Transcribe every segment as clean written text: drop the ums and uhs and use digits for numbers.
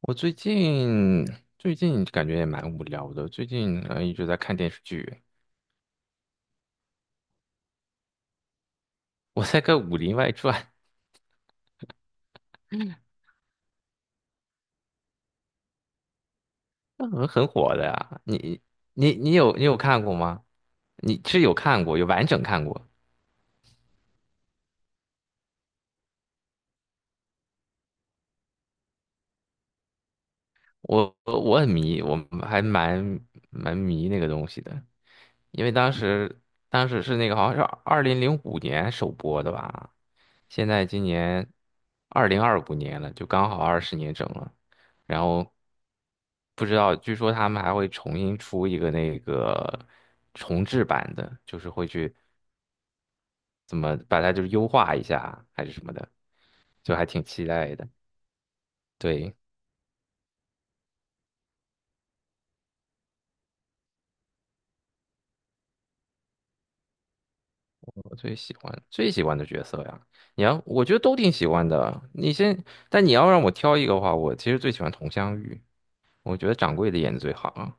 我最近感觉也蛮无聊的，最近一直在看电视剧。我在看《武林外传》，那很火的呀。你有看过吗？你是有看过，有完整看过。我很迷，我还蛮迷那个东西的，因为当时是那个好像是2005年首播的吧。现在今年2025年了，就刚好二十年整了。然后不知道，据说他们还会重新出一个那个重制版的，就是会去怎么把它就是优化一下啊还是什么的，就还挺期待的。对，我最喜欢的角色呀，你要我觉得都挺喜欢的。但你要让我挑一个的话，我其实最喜欢佟湘玉，我觉得掌柜的演的最好啊。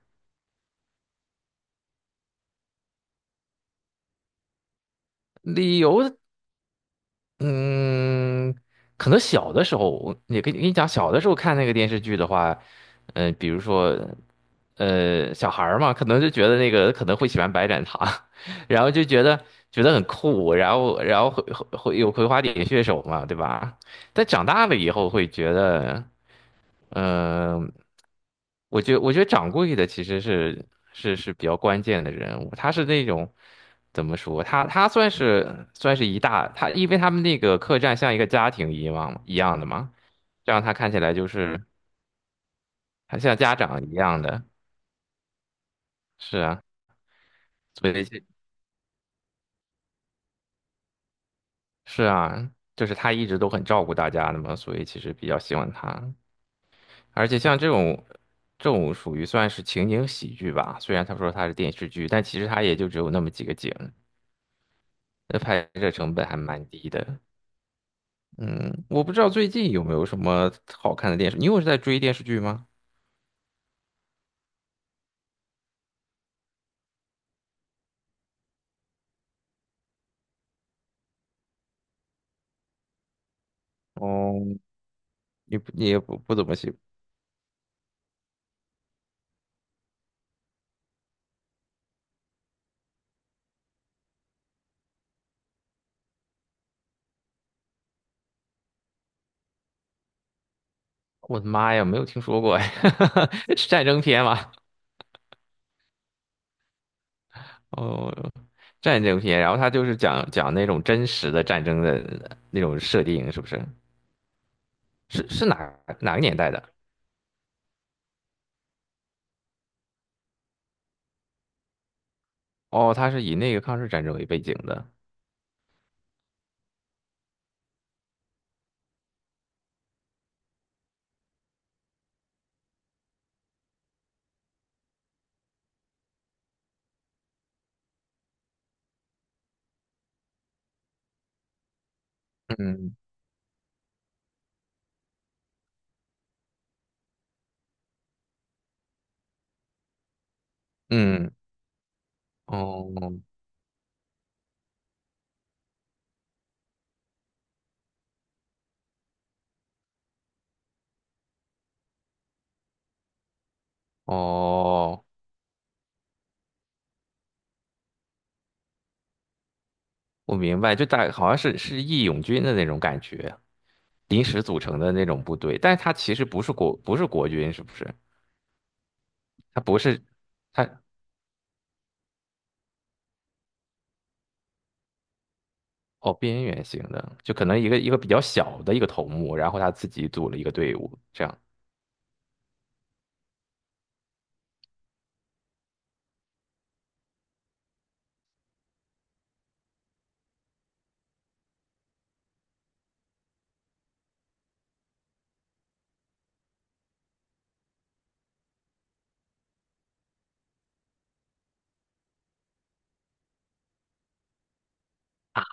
理由嗯，可能小的时候，我也跟你讲，小的时候看那个电视剧的话，比如说，小孩儿嘛，可能就觉得那个可能会喜欢白展堂，然后就觉得很酷，然后会有葵花点穴手嘛，对吧？但长大了以后会觉得。嗯、我觉得掌柜的其实是比较关键的人物，他是那种怎么说？他算是算是一大，他因为他们那个客栈像一个家庭一样的嘛，这样他看起来就是他像家长一样的，是啊，所以这是啊，就是他一直都很照顾大家的嘛，所以其实比较喜欢他，而且像这种。这种属于算是情景喜剧吧，虽然他说他是电视剧，但其实他也就只有那么几个景。那拍摄成本还蛮低的。嗯，我不知道最近有没有什么好看的电视，是在追电视剧吗？哦，你也不怎么喜，我的妈呀，没有听说过哎，是战争片吗？哦，战争片，然后它就是讲讲那种真实的战争的那种设定，是不是？是哪个年代的？哦，它是以那个抗日战争为背景的。嗯嗯，哦哦。我明白，好像是义勇军的那种感觉，临时组成的那种部队，但是它其实不是国军，是不是？他不是，他哦边缘型的，就可能一个比较小的一个头目，然后他自己组了一个队伍，这样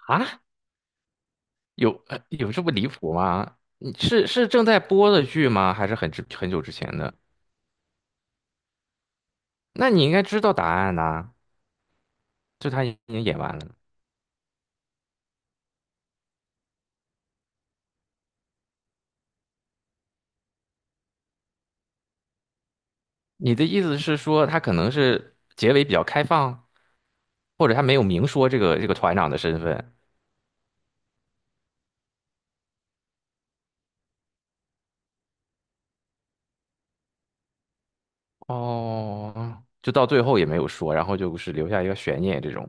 啊？有这么离谱吗？你是正在播的剧吗？还是很久之前的？那你应该知道答案呐、就他已经演完了。你的意思是说，他可能是结尾比较开放，或者他没有明说这个团长的身份？哦，就到最后也没有说，然后就是留下一个悬念这种。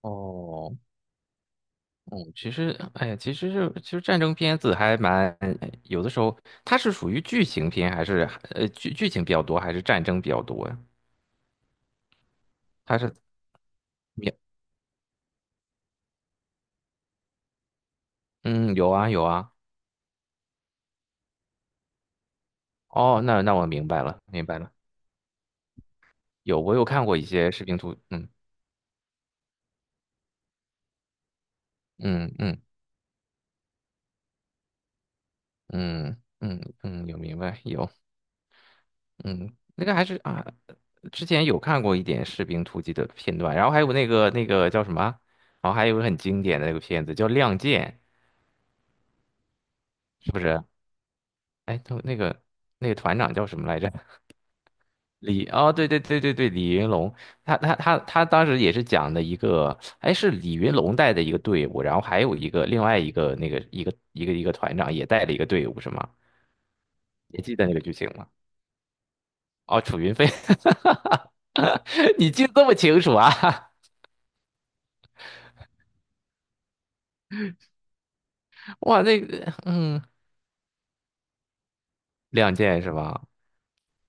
哦，嗯，其实，哎呀，其实是，其实战争片子还蛮，有的时候它是属于剧情片，还是剧情比较多，还是战争比较多呀？它是，嗯，有啊有啊。哦，那我明白了，明白了。有，我有看过一些视频图，嗯嗯嗯嗯嗯嗯，有明白有。嗯，那个还是啊，之前有看过一点《士兵突击》的片段，然后还有那个叫什么，然后还有个很经典的那个片子叫《亮剑》，是不是？哎，他那个团长叫什么来着？哦，对对对对对，李云龙，他当时也是讲的一个，哎，是李云龙带的一个队伍，然后还有一个另外一个那个一个团长也带了一个队伍，是吗？你记得那个剧情吗？哦，楚云飞，你记得这么清楚啊？哇，那个，嗯。亮剑是吧？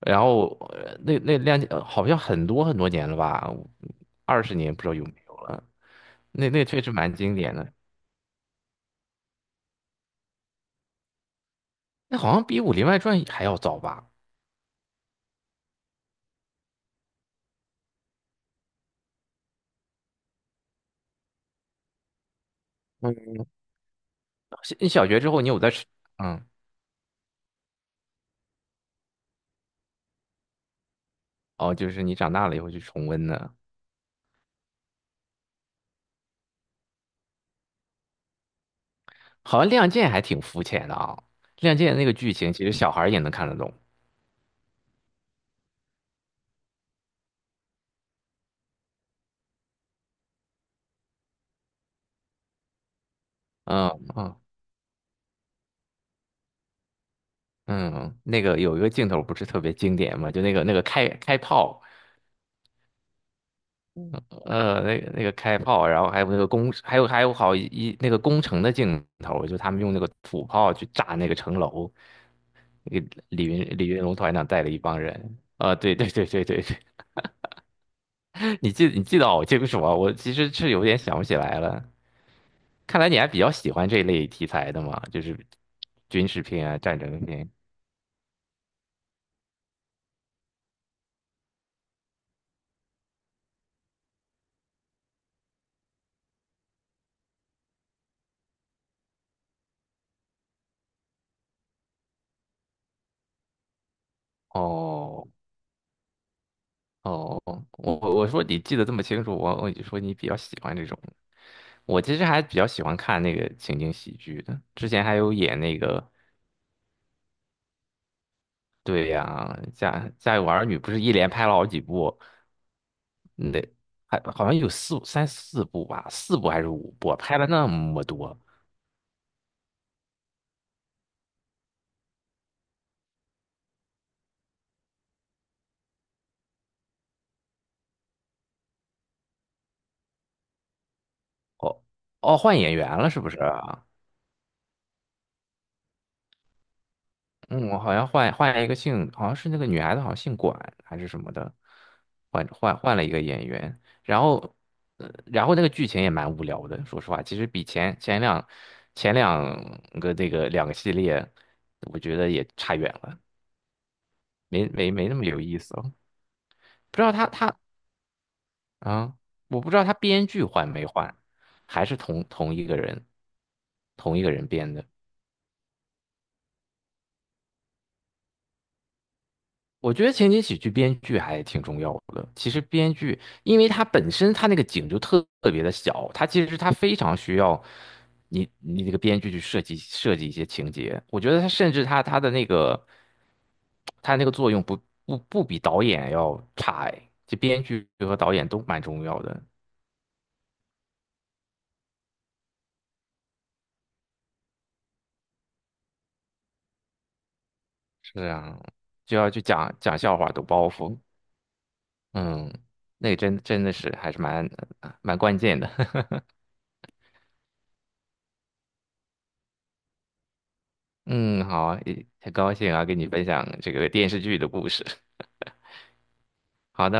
然后那亮剑好像很多很多年了吧，二十年不知道有没有了。那确实蛮经典的，那好像比《武林外传》还要早吧？嗯，小学之后你有在吃？嗯，哦，就是你长大了以后去重温的，好像《亮剑》还挺肤浅的啊，《亮剑》那个剧情其实小孩儿也能看得懂。嗯嗯嗯，那个有一个镜头不是特别经典嘛，就那个开炮。那个开炮，然后还有那个工，还有好一一那个工程的镜头，就他们用那个土炮去炸那个城楼，那个李云龙团长带了一帮人，啊、对对对对对对，你记得好清楚啊，我其实是有点想不起来了，看来你还比较喜欢这类题材的嘛，就是军事片啊、战争片。哦哦，我说你记得这么清楚，我就说你比较喜欢这种。我其实还比较喜欢看那个情景喜剧的，之前还有演那个，对呀，家家有儿女不是一连拍了好几部，那还好像有四三四部吧，四部还是五部，拍了那么多，哦哦，换演员了是不是啊？嗯，我好像换了一个姓，好像是那个女孩子，好像姓管还是什么的，换了一个演员，然后，然后那个剧情也蛮无聊的，说实话，其实比前两个系列，我觉得也差远了，没那么有意思了。不知道他他啊，我不知道他编剧换没换，还是同一个人，同一个人编的。我觉得情景喜剧编剧还挺重要的。其实编剧，因为它本身它那个景就特别的小，它其实它非常需要你这个编剧去设计设计一些情节。我觉得它甚至它它的那个它那个作用不比导演要差哎，这编剧和导演都蛮重要的。是啊，就要去讲讲笑话抖包袱，嗯，那个真的是还是蛮关键的。嗯，好啊，也很高兴啊，跟你分享这个电视剧的故事。好，的。